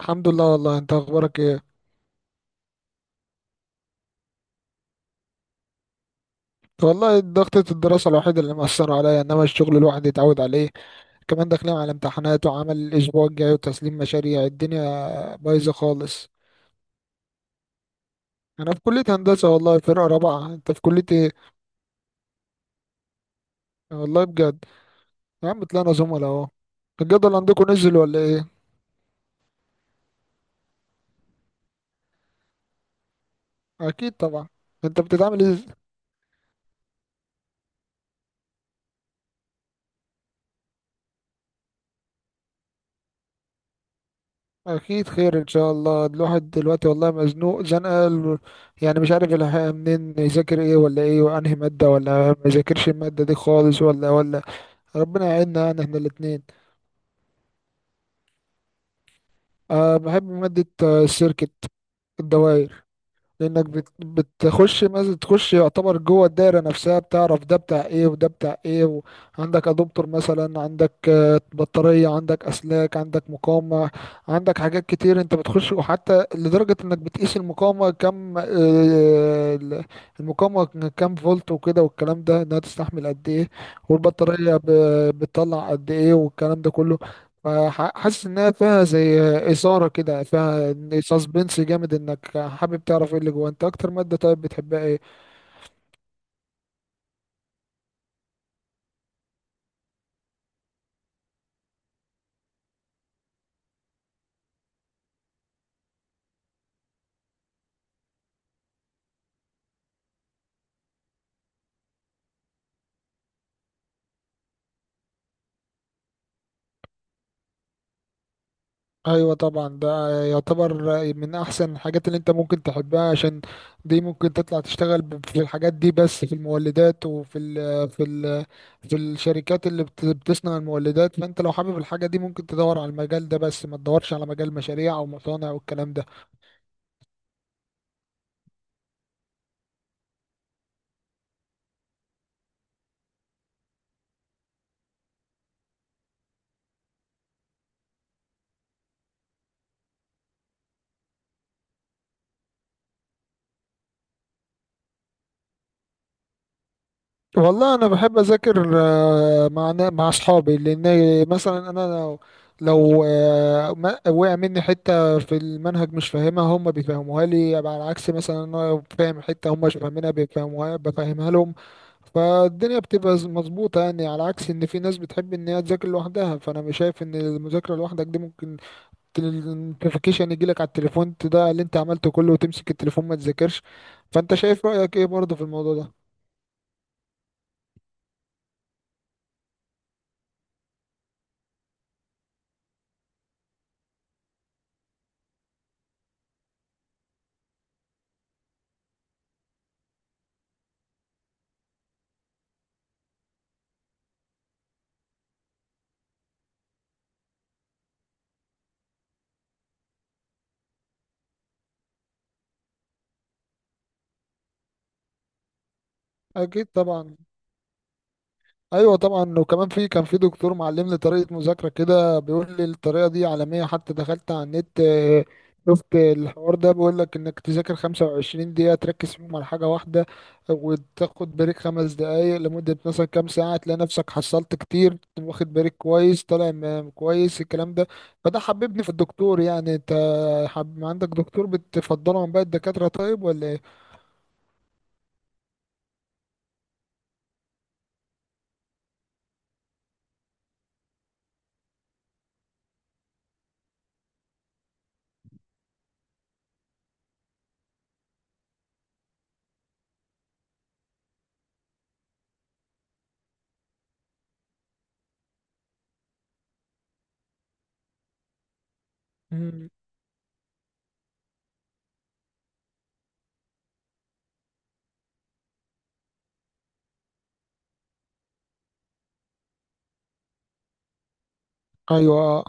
الحمد لله. والله انت اخبارك ايه؟ والله ضغطة الدراسة الوحيدة اللي مأثرة عليا، انما الشغل الواحد يتعود عليه. كمان داخلين على امتحانات وعمل الاسبوع الجاي وتسليم مشاريع، الدنيا بايظة خالص. انا في كلية هندسة والله، فرقة رابعة. انت في كلية ايه؟ والله بجد. يا عم طلعنا زملاء اهو. الجدول عندكم نزل ولا ايه؟ اكيد طبعا. انت بتتعامل ازاي؟ اكيد خير ان شاء الله. الواحد دلوقتي والله مزنوق زنقه يعني، مش عارف منين يذاكر، ايه ولا ايه، وانهي ماده ولا ما يذاكرش الماده دي خالص ولا. ربنا يعيننا يعني احنا الاثنين. أه، بحب ماده السيركت، الدوائر. لانك بتخش مثلا، تخش يعتبر جوه الدايره نفسها، بتعرف ده بتاع ايه وده بتاع ايه، وعندك ادوبتر مثلا، عندك بطاريه، عندك اسلاك، عندك مقاومه، عندك حاجات كتير. انت بتخش، وحتى لدرجه انك بتقيس المقاومه كم، ال- المقاومه كم فولت وكده، والكلام ده انها تستحمل قد ايه، والبطاريه بتطلع قد ايه والكلام ده كله. حاسس انها فيها زي اثاره كده، فيها سسبنس جامد، انك حابب تعرف ايه اللي جوه. انت اكتر ماده طيب بتحبها ايه؟ ايوه طبعا. ده يعتبر من احسن الحاجات اللي انت ممكن تحبها، عشان دي ممكن تطلع تشتغل في الحاجات دي، بس في المولدات وفي ال في ال في الشركات اللي بتصنع المولدات. فانت لو حابب الحاجه دي، ممكن تدور على المجال ده، بس ما تدورش على مجال مشاريع او مصانع والكلام ده. والله انا بحب اذاكر مع مع اصحابي، لان مثلا انا لو وقع مني حته في المنهج مش فاهمها هم بيفهموها لي. يبقى على عكس مثلا، انا لو فاهم حته هم مش فاهمينها بيفهموها، بفهمها لهم. فالدنيا بتبقى مظبوطه يعني، على عكس ان في ناس بتحب ان هي تذاكر لوحدها. فانا مش شايف ان المذاكره لوحدك دي ممكن، النوتيفيكيشن يجيلك على التليفون، ده اللي انت عملته كله، وتمسك التليفون ما تذاكرش. فانت شايف رايك ايه برضه في الموضوع ده؟ اكيد طبعا. ايوه طبعا. وكمان في، كان في دكتور معلمني طريقه مذاكره كده، بيقول لي الطريقه دي عالميه، حتى دخلت على النت شفت الحوار ده، بيقول لك انك تذاكر 25 دقيقه تركز فيهم على حاجه واحده، وتاخد بريك خمس دقائق، لمده مثلا كام ساعه تلاقي نفسك حصلت كتير، واخد بريك كويس، طالع كويس الكلام ده. فده حببني في الدكتور يعني. انت عندك دكتور بتفضله عن باقي الدكاتره طيب ولا ايه؟ مم. ايوه.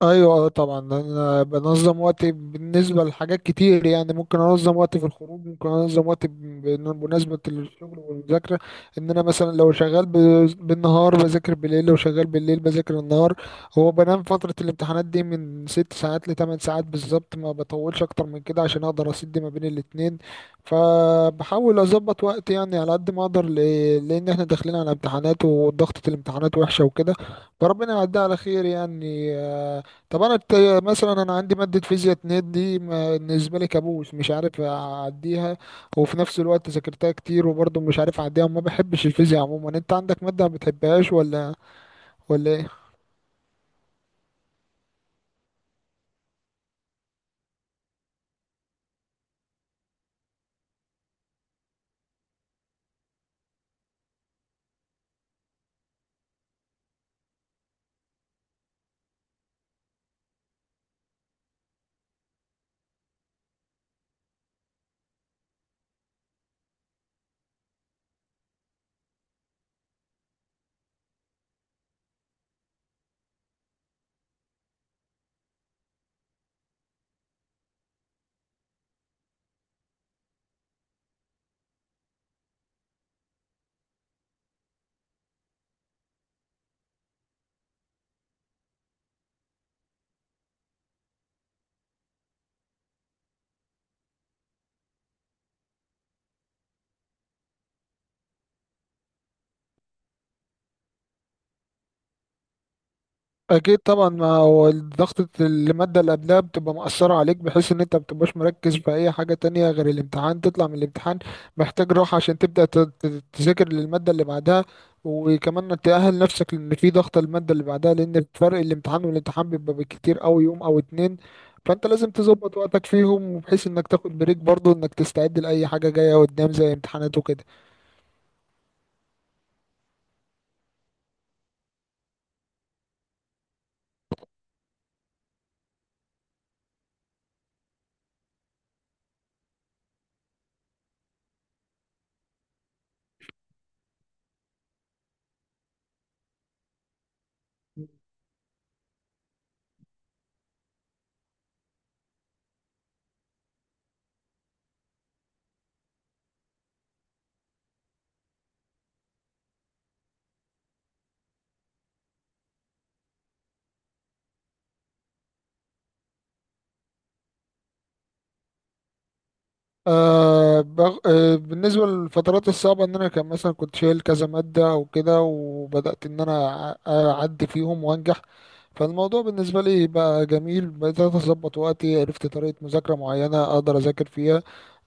ايوه، آه، طبعا. انا بنظم وقتي بالنسبه لحاجات كتير يعني. ممكن انظم وقتي في الخروج، ممكن انظم وقتي بمناسبه الشغل والمذاكره. ان انا مثلا لو شغال بالنهار بذاكر بالليل، لو شغال بالليل بذاكر النهار. هو بنام فتره الامتحانات دي من ست ساعات لثمان ساعات بالظبط، ما بطولش اكتر من كده عشان اقدر اسد ما بين الاتنين. فبحاول اظبط وقتي يعني على قد ما اقدر، لان احنا داخلين على امتحانات وضغطه الامتحانات وحشه وكده، فربنا يعديها على خير يعني. طب انا الت- مثلا انا عندي ماده فيزياء 2 دي بالنسبه لي كابوس، مش عارف اعديها، وفي نفس الوقت ذاكرتها كتير وبرضه مش عارف اعديها، وما بحبش الفيزياء عموما. انت عندك ماده ما بتحبهاش ولا إيه؟ اكيد طبعا. ما هو ضغطة المادة اللي قبلها بتبقى مأثرة عليك، بحيث ان انت بتبقاش مركز في اي حاجة تانية غير الامتحان. تطلع من الامتحان محتاج راحة عشان تبدأ تذاكر للمادة اللي بعدها. وكمان تأهل نفسك لان في ضغط المادة اللي بعدها، لان فرق الامتحان والامتحان بيبقى بالكتير اوي يوم او اتنين. فانت لازم تظبط وقتك فيهم، وبحيث انك تاخد بريك برضو، انك تستعد لأي حاجة جاية قدام زي امتحانات وكده. أه بغ... أه بالنسبة للفترات الصعبة، إن أنا كان مثلا كنت شايل كذا مادة أو كده، وبدأت إن أنا أعدي فيهم وأنجح. فالموضوع بالنسبة لي بقى جميل، بدأت أظبط وقتي، عرفت طريقة مذاكرة معينة أقدر أذاكر فيها.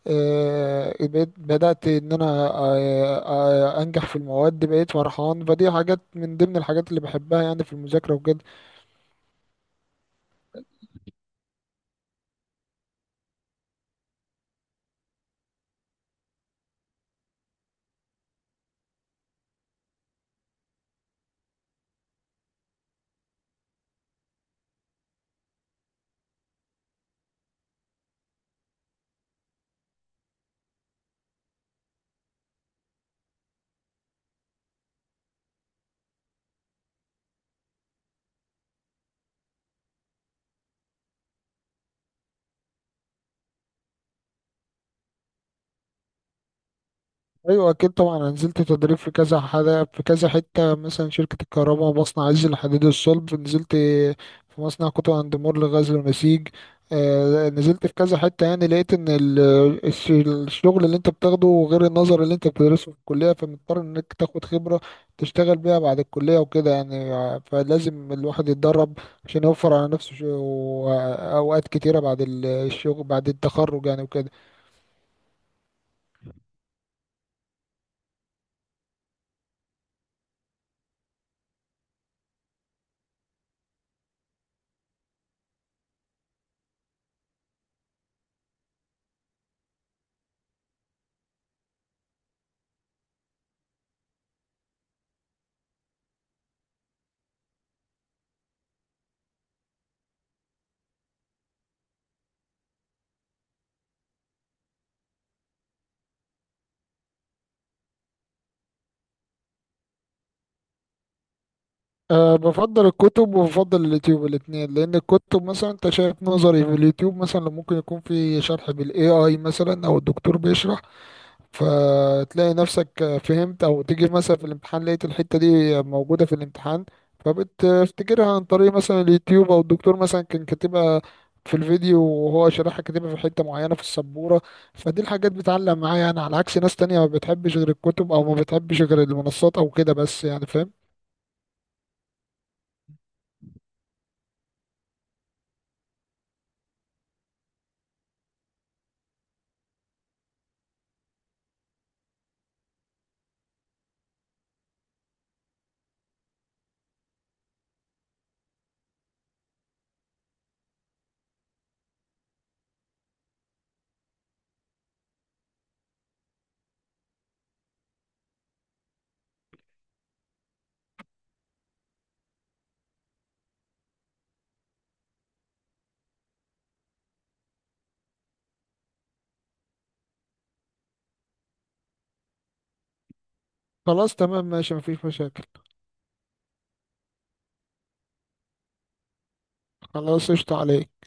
أه بدأت إن أنا أه أه أنجح في المواد، بقيت فرحان. فدي حاجات من ضمن الحاجات اللي بحبها يعني في المذاكرة وكده. ايوه اكيد طبعا. انا نزلت تدريب في كذا حاجه، في كذا حته. مثلا شركه الكهرباء ومصنع عز الحديد الصلب، نزلت في مصنع كوتو اند مور لغزل ونسيج، نزلت في كذا حته يعني. لقيت ان الشغل اللي انت بتاخده غير النظر اللي انت بتدرسه في الكليه، فمضطر انك تاخد خبره تشتغل بيها بعد الكليه وكده يعني. فلازم الواحد يتدرب عشان يوفر على نفسه اوقات كتيره بعد الشغل بعد التخرج يعني وكده. أه، بفضل الكتب وبفضل اليوتيوب الاتنين، لأن الكتب مثلا أنت شايف نظري، في اليوتيوب مثلا ممكن يكون في شرح بالاي اي مثلا، أو الدكتور بيشرح، فتلاقي نفسك فهمت، أو تيجي مثلا في الامتحان لقيت الحتة دي موجودة في الامتحان، فبتفتكرها عن طريق مثلا اليوتيوب، أو الدكتور مثلا كان كاتبها في الفيديو وهو شرحها، كاتبها في حتة معينة في السبورة. فدي الحاجات بتعلق معايا يعني، على عكس ناس تانية ما بتحبش غير الكتب أو ما بتحبش غير المنصات أو كده، بس يعني فاهم. خلاص، تمام، ماشي، مفيش مشاكل. خلاص، قشطة عليك.